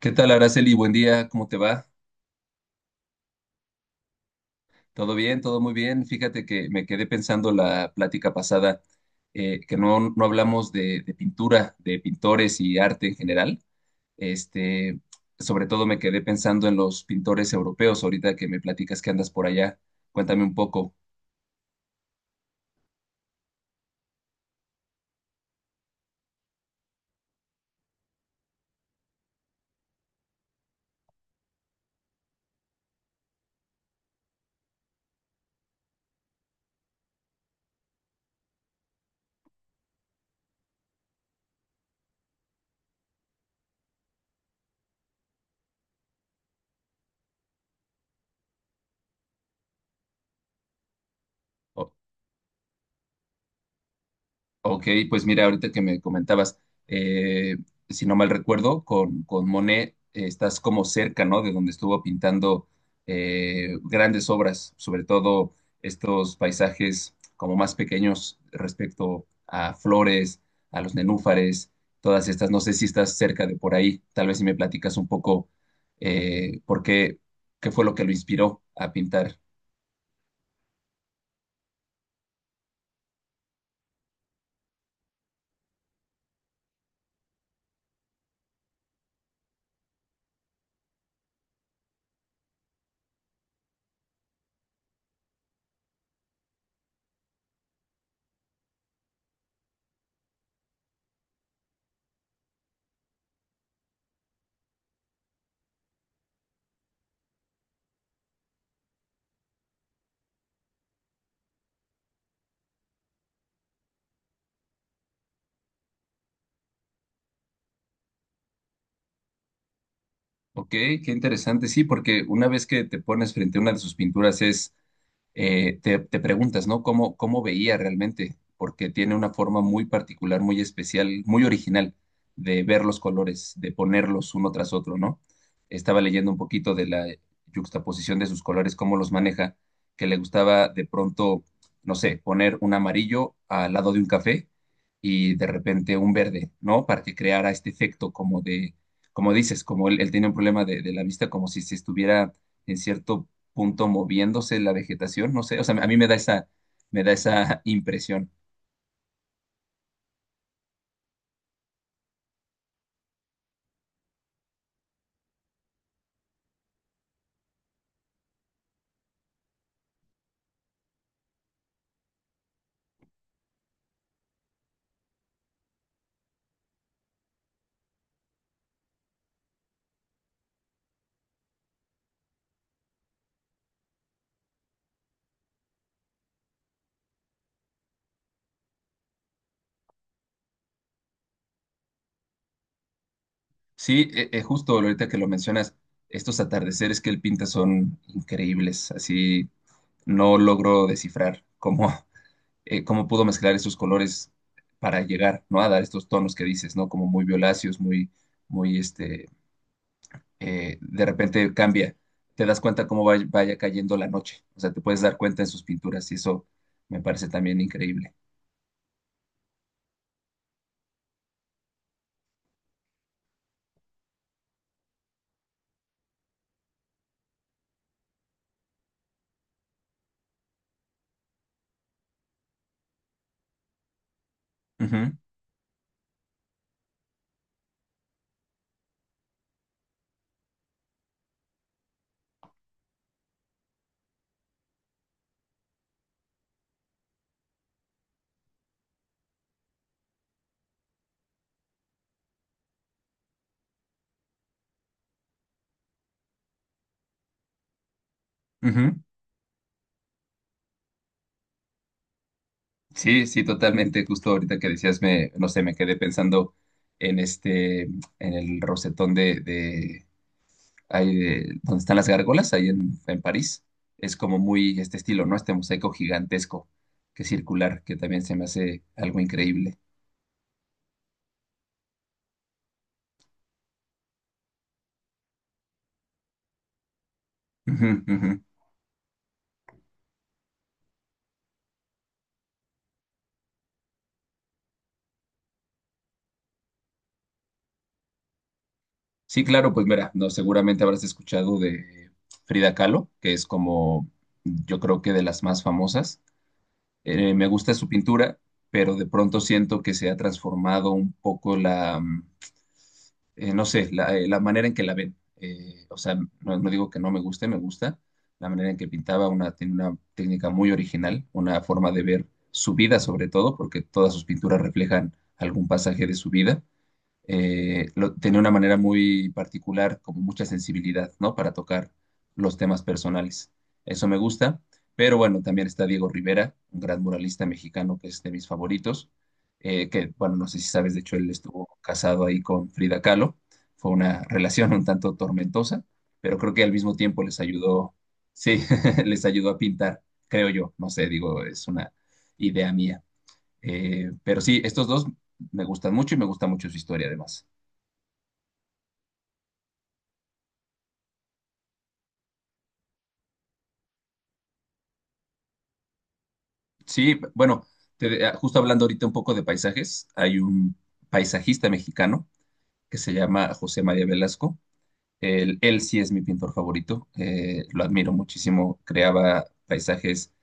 ¿Qué tal, Araceli? Buen día, ¿cómo te va? ¿Todo bien? ¿Todo muy bien? Fíjate que me quedé pensando la plática pasada, que no hablamos de pintura, de pintores y arte en general. Este, sobre todo me quedé pensando en los pintores europeos, ahorita que me platicas que andas por allá. Cuéntame un poco. Ok, pues mira, ahorita que me comentabas, eh, si no mal recuerdo, con Monet estás como cerca, ¿no? De donde estuvo pintando grandes obras, sobre todo estos paisajes como más pequeños respecto a flores, a los nenúfares, todas estas. No sé si estás cerca de por ahí. Tal vez si me platicas un poco eh, por qué, qué fue lo que lo inspiró a pintar. Ok, qué interesante, sí, porque una vez que te pones frente a una de sus pinturas es te preguntas, ¿no? ¿Cómo, cómo veía realmente? Porque tiene una forma muy particular, muy especial, muy original de ver los colores, de ponerlos uno tras otro, ¿no? Estaba leyendo un poquito de la yuxtaposición de sus colores, cómo los maneja, que le gustaba de pronto, no sé, poner un amarillo al lado de un café y de repente un verde, ¿no? Para que creara este efecto como de, como dices, como él tenía un problema de la vista, como si se estuviera en cierto punto moviéndose la vegetación, no sé, o sea, a mí me da me da esa impresión. Sí, justo ahorita que lo mencionas, estos atardeceres que él pinta son increíbles, así no logro descifrar cómo, cómo pudo mezclar esos colores para llegar, ¿no? A dar estos tonos que dices, ¿no? Como muy violáceos, muy, este, de repente cambia, te das cuenta cómo vaya cayendo la noche, o sea, te puedes dar cuenta en sus pinturas y eso me parece también increíble. Ujú, ujú. Sí, sí, totalmente. Justo ahorita que decías, me, no sé, me quedé pensando en el rosetón ahí donde están las gárgolas, ahí en París. Es como muy este estilo, ¿no? Este mosaico gigantesco que es circular, que también se me hace algo increíble. Ujú, ujú. Sí, claro, pues mira, no, seguramente habrás escuchado de Frida Kahlo, que es como, yo creo que de las más famosas. Me gusta su pintura, pero de pronto siento que se ha transformado un poco no sé, la manera en que la ven. O sea, no digo que no me guste, me gusta la manera en que pintaba, una, tiene una técnica muy original, una forma de ver su vida sobre todo, porque todas sus pinturas reflejan algún pasaje de su vida tenía una manera muy particular, como mucha sensibilidad, ¿no? Para tocar los temas personales. Eso me gusta, pero bueno, también está Diego Rivera, un gran muralista mexicano que es de mis favoritos, que, bueno, no sé si sabes, de hecho, él estuvo casado ahí con Frida Kahlo. Fue una relación un tanto tormentosa, pero creo que al mismo tiempo les ayudó, sí, les ayudó a pintar, creo yo, no sé, digo, es una idea mía. Pero sí, estos dos me gustan mucho y me gusta mucho su historia además. Sí, bueno, justo hablando ahorita un poco de paisajes, hay un paisajista mexicano que se llama José María Velasco. Él sí es mi pintor favorito, lo admiro muchísimo. Creaba paisajes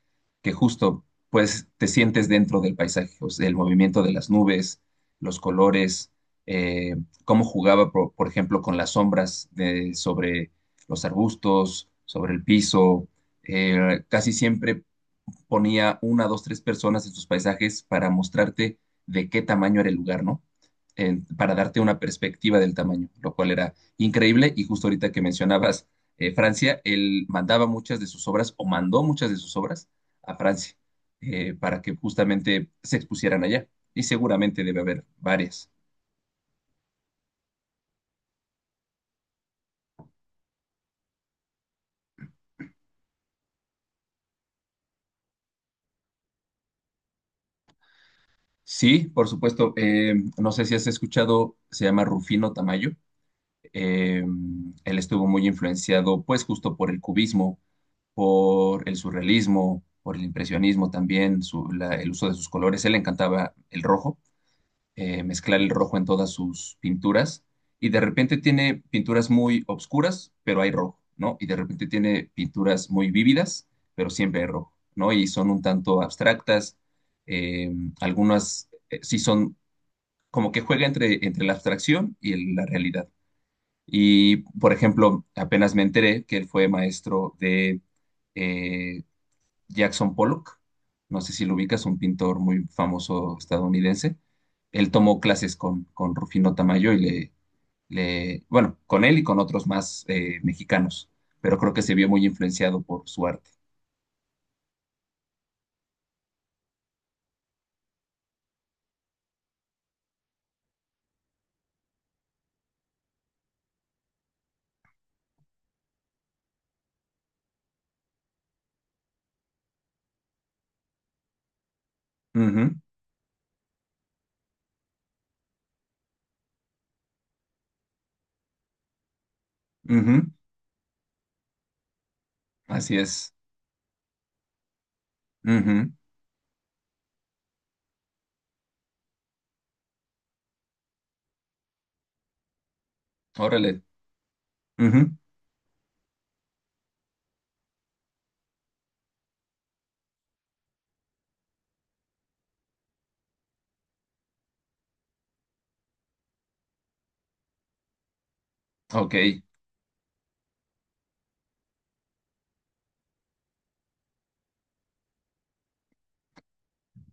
que justo, pues, te sientes dentro del paisaje, o sea, el movimiento de las nubes, los colores, eh, cómo jugaba, por ejemplo, con las sombras sobre los arbustos, sobre el piso. Casi siempre ponía una, dos, tres personas en sus paisajes para mostrarte de qué tamaño era el lugar, ¿no? Para darte una perspectiva del tamaño, lo cual era increíble. Y justo ahorita que mencionabas Francia, él mandaba muchas de sus obras o mandó muchas de sus obras a Francia para que justamente se expusieran allá. Y seguramente debe haber varias. Sí, por supuesto. No sé si has escuchado, se llama Rufino Tamayo. Eh, él estuvo muy influenciado, pues, justo por el cubismo, por el surrealismo, por el impresionismo también, el uso de sus colores. Él le encantaba el rojo, mezclar el rojo en todas sus pinturas. Y de repente tiene pinturas muy obscuras, pero hay rojo, ¿no? Y de repente tiene pinturas muy vívidas, pero siempre hay rojo, ¿no? Y son un tanto abstractas. Eh, algunas sí son como que juega entre la abstracción y la realidad. Y, por ejemplo, apenas me enteré que él fue maestro eh, Jackson Pollock, no sé si lo ubicas, un pintor muy famoso estadounidense. Él tomó clases con Rufino Tamayo bueno, con él y con otros más mexicanos, pero creo que se vio muy influenciado por su arte. Ujú, ujú, así es. Ujú, órale. Ujú, ok.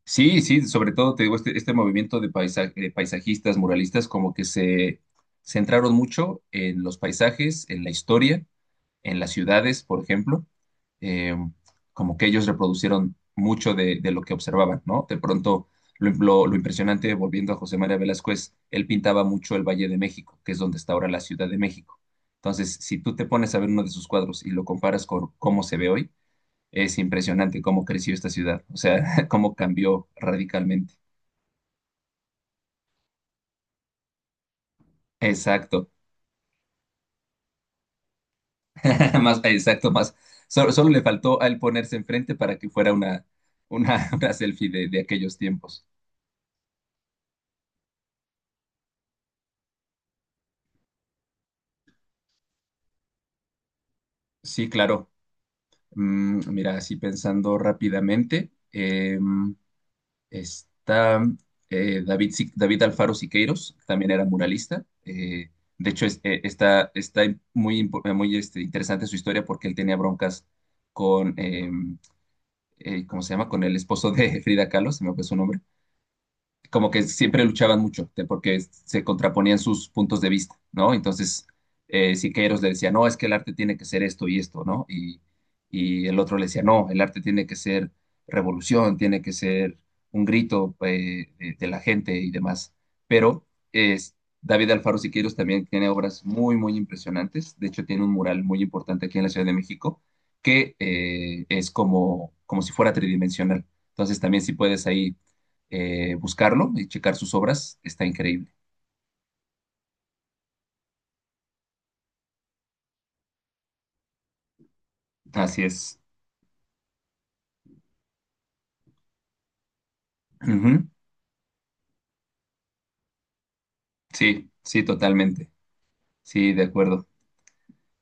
Sí, sí, sobre todo te digo, este movimiento de, de paisajistas, muralistas, como que se centraron mucho en los paisajes, en la historia, en las ciudades, por ejemplo, eh, como que ellos reproducieron mucho de lo que observaban, ¿no? De pronto, lo impresionante, volviendo a José María Velázquez, él pintaba mucho el Valle de México, que es donde está ahora la Ciudad de México. Entonces, si tú te pones a ver uno de sus cuadros y lo comparas con cómo se ve hoy, es impresionante cómo creció esta ciudad, o sea, cómo cambió radicalmente. Exacto, más, exacto, más. Solo, solo le faltó a él ponerse enfrente para que fuera una selfie de aquellos tiempos. Sí, claro. Mm, mira, así pensando rápidamente, está David, Si- David Alfaro Siqueiros, también era muralista. De hecho, está muy este, interesante su historia porque él tenía broncas con, em, ¿cómo se llama? Con el esposo de Frida Kahlo, se me fue su nombre como que siempre luchaban mucho, porque se contraponían sus puntos de vista, ¿no? Entonces, Siqueiros le decía, no, es que el arte tiene que ser esto y esto, ¿no? Y el otro le decía, no, el arte tiene que ser revolución, tiene que ser un grito de la gente y demás. Pero es, David Alfaro Siqueiros también tiene obras muy, muy impresionantes. De hecho, tiene un mural muy importante aquí en la Ciudad de México que es como, como si fuera tridimensional. Entonces, también si puedes ahí buscarlo y checar sus obras, está increíble. Así es. Ujú. Sí, sí, totalmente. Sí, de acuerdo.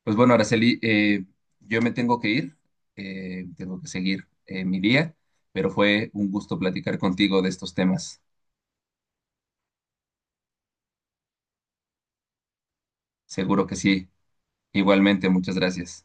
Pues bueno, Araceli, yo me tengo que ir, tengo que seguir mi día, pero fue un gusto platicar contigo de estos temas. Seguro que sí. Igualmente, muchas gracias.